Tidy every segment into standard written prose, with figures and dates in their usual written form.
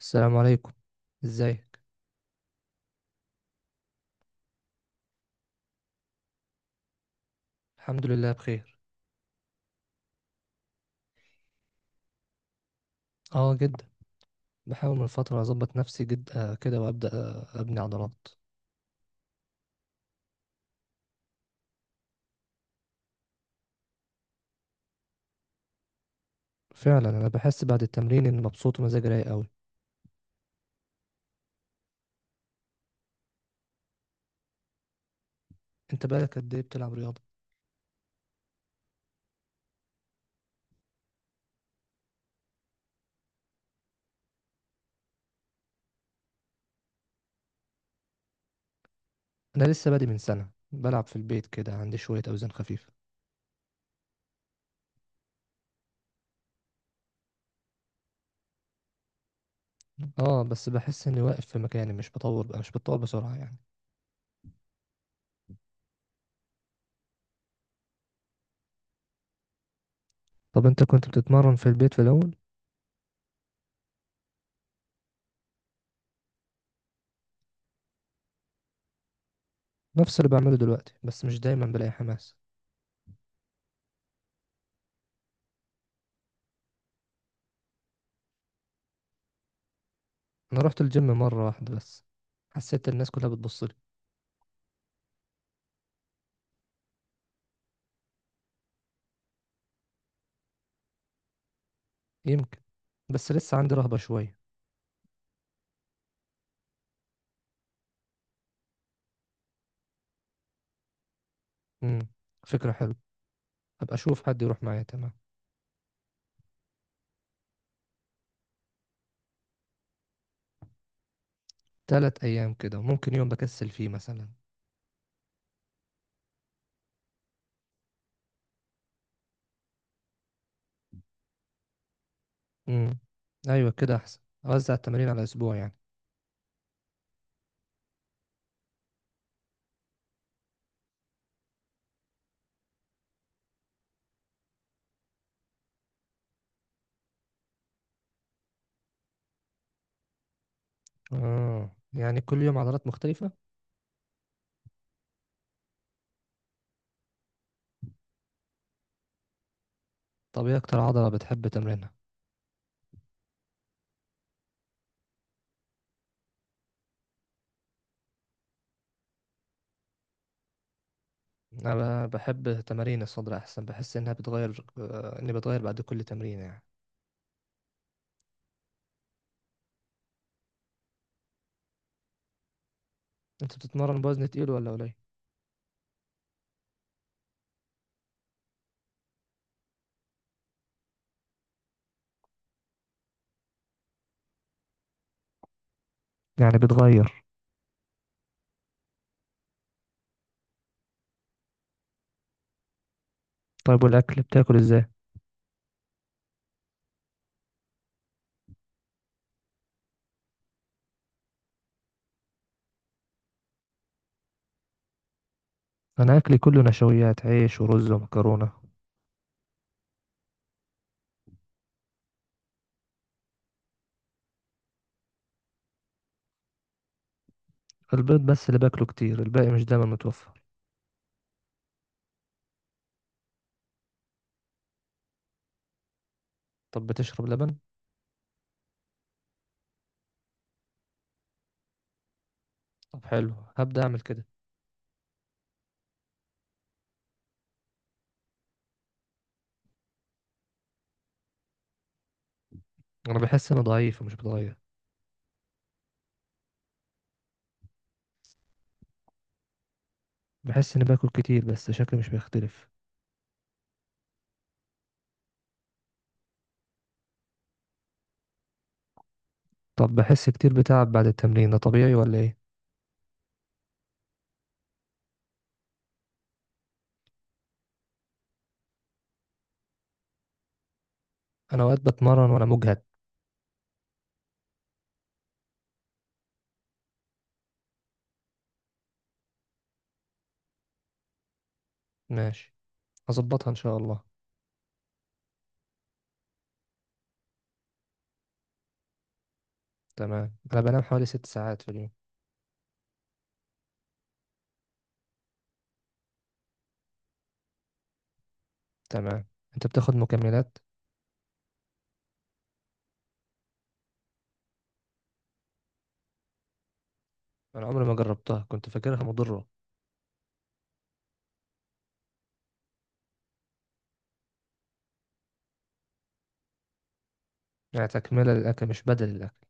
السلام عليكم. ازيك؟ الحمد لله بخير. اه، جدا. بحاول من فترة اظبط نفسي جدا كده وابدا ابني عضلات. فعلا انا بحس بعد التمرين اني مبسوط ومزاجي رايق قوي. انت بقالك قد ايه بتلعب رياضة؟ انا لسه بادئ من سنة، بلعب في البيت كده، عندي شوية اوزان خفيفة. اه، بس بحس اني واقف في مكاني، مش بطور بقى مش بتطور بسرعة يعني. طب انت كنت بتتمرن في البيت في الاول؟ نفس اللي بعمله دلوقتي، بس مش دايما بلاقي حماس. انا رحت الجيم مرة واحدة بس. حسيت الناس كلها بتبصلي. يمكن، بس لسه عندي رهبة شوية. امم فكرة حلوة. هبقى اشوف حد يروح معايا. تمام. 3 ايام كده، ممكن يوم بكسل فيه مثلا. امم، ايوه، كده احسن. اوزع التمارين على اسبوع يعني. اه، يعني كل يوم عضلات مختلفة. طب ايه اكتر عضلة بتحب تمرينها؟ انا بحب تمارين الصدر احسن، بحس انها بتغير آه، اني بتغير بعد كل تمرين يعني. انت بتتمرن بوزن تقيل ولا قليل؟ يعني بتغير. طيب، والاكل بتاكل ازاي؟ انا اكلي كله نشويات، عيش ورز ومكرونة. البيض بس اللي باكله كتير، الباقي مش دايما متوفر. طب بتشرب لبن؟ طب حلو، هبدأ أعمل كده. أنا بحس إني ضعيف ومش بتغير. بحس إني باكل كتير بس شكلي مش بيختلف. طب بحس كتير بتعب بعد التمرين، ده طبيعي ولا إيه؟ أنا أوقات بتمرن وأنا مجهد. ماشي، هظبطها إن شاء الله. تمام، أنا بنام حوالي 6 ساعات في اليوم. تمام. أنت بتاخد مكملات؟ أنا عمري ما جربتها، كنت فاكرها مضرة. يعني تكملة للأكل مش بدل الأكل؟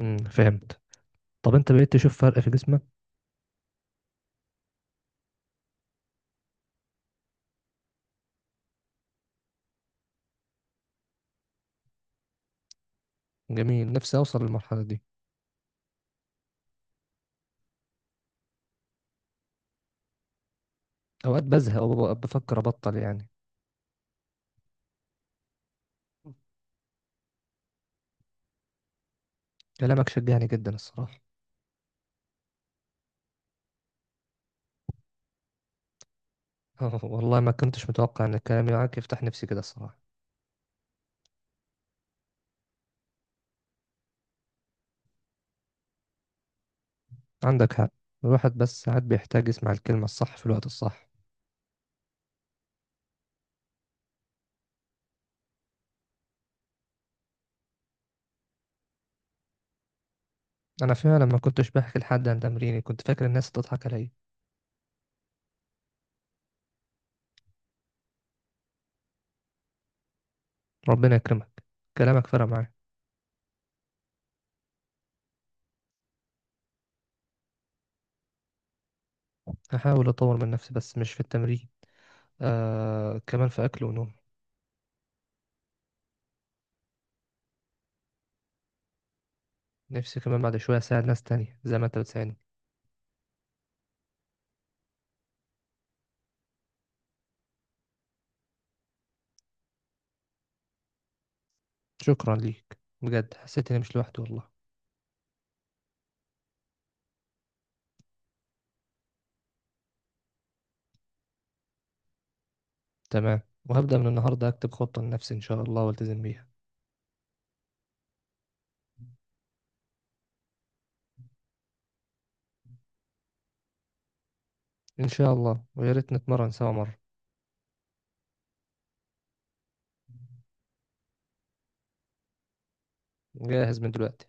فهمت. طب أنت بقيت تشوف فرق في جسمك؟ جميل، نفسي أوصل للمرحلة دي. اوقات بزهق وببقى بفكر ابطل يعني. كلامك شجعني جدا الصراحه. والله ما كنتش متوقع ان كلامي معاك يفتح نفسي كده الصراحه. عندك حق. الواحد بس ساعات بيحتاج يسمع الكلمه الصح في الوقت الصح. انا فعلا ما كنتش بحكي لحد عن تمريني، كنت فاكر الناس هتضحك عليا. ربنا يكرمك، كلامك فرق معايا. هحاول اطور من نفسي بس مش في التمرين، آه، كمان في اكل ونوم. نفسي كمان بعد شويه اساعد ناس تانية زي ما انت بتساعدني. شكرا ليك بجد، حسيت اني مش لوحدي والله. تمام، وهبدأ من النهاردة أكتب خطة لنفسي إن شاء الله والتزم بيها. إن شاء الله، ويا ريت نتمرن سوا مرة. جاهز من دلوقتي.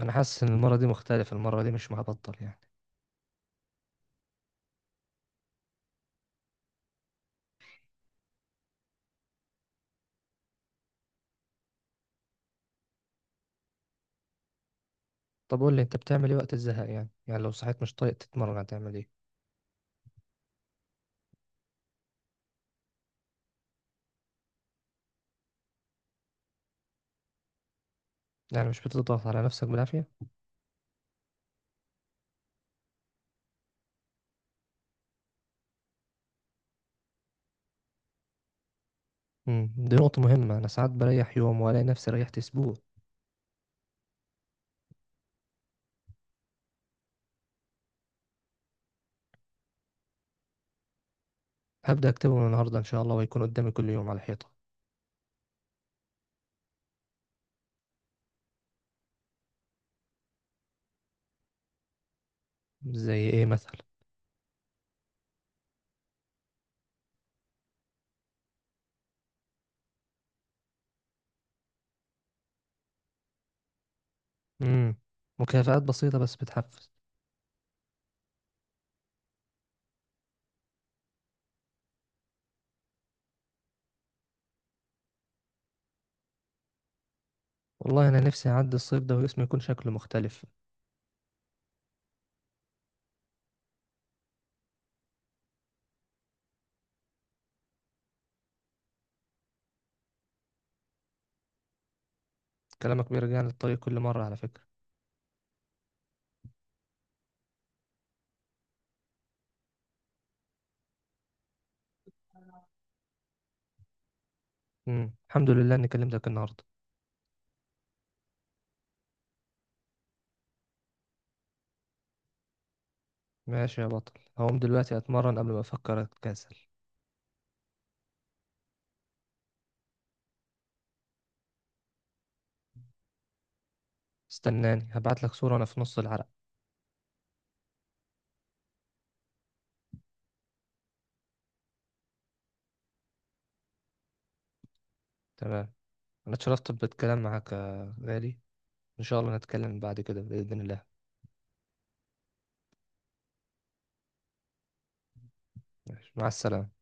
أنا حاسس إن المرة دي مختلفة، المرة دي مش هبطل يعني. طب قول لي أنت، بتعمل إيه وقت الزهق؟ يعني لو صحيت مش طايق تتمرن هتعمل إيه؟ يعني مش بتضغط على نفسك بالعافية؟ دي نقطة مهمة، أنا ساعات بريح يوم وألاقي نفسي ريحت أسبوع. هبدأ أكتبه من النهاردة إن شاء الله، ويكون قدامي كل يوم على الحيطة. زي إيه مثلا؟ امم مكافآت بسيطة بس بتحفز. والله أنا نفسي أعدي الصيف ده وجسمي يكون شكله مختلف. كلامك بيرجعني للطريق كل مرة على فكرة. الحمد لله إني كلمتك النهاردة. ماشي يا بطل، هقوم دلوقتي أتمرن قبل ما أفكر أتكاسل. استناني، هبعتلك صورة أنا في نص العرق. تمام. أنا اتشرفت بالكلام معاك يا غالي، إن شاء الله نتكلم بعد كده بإذن الله. ماشي. مع السلامة.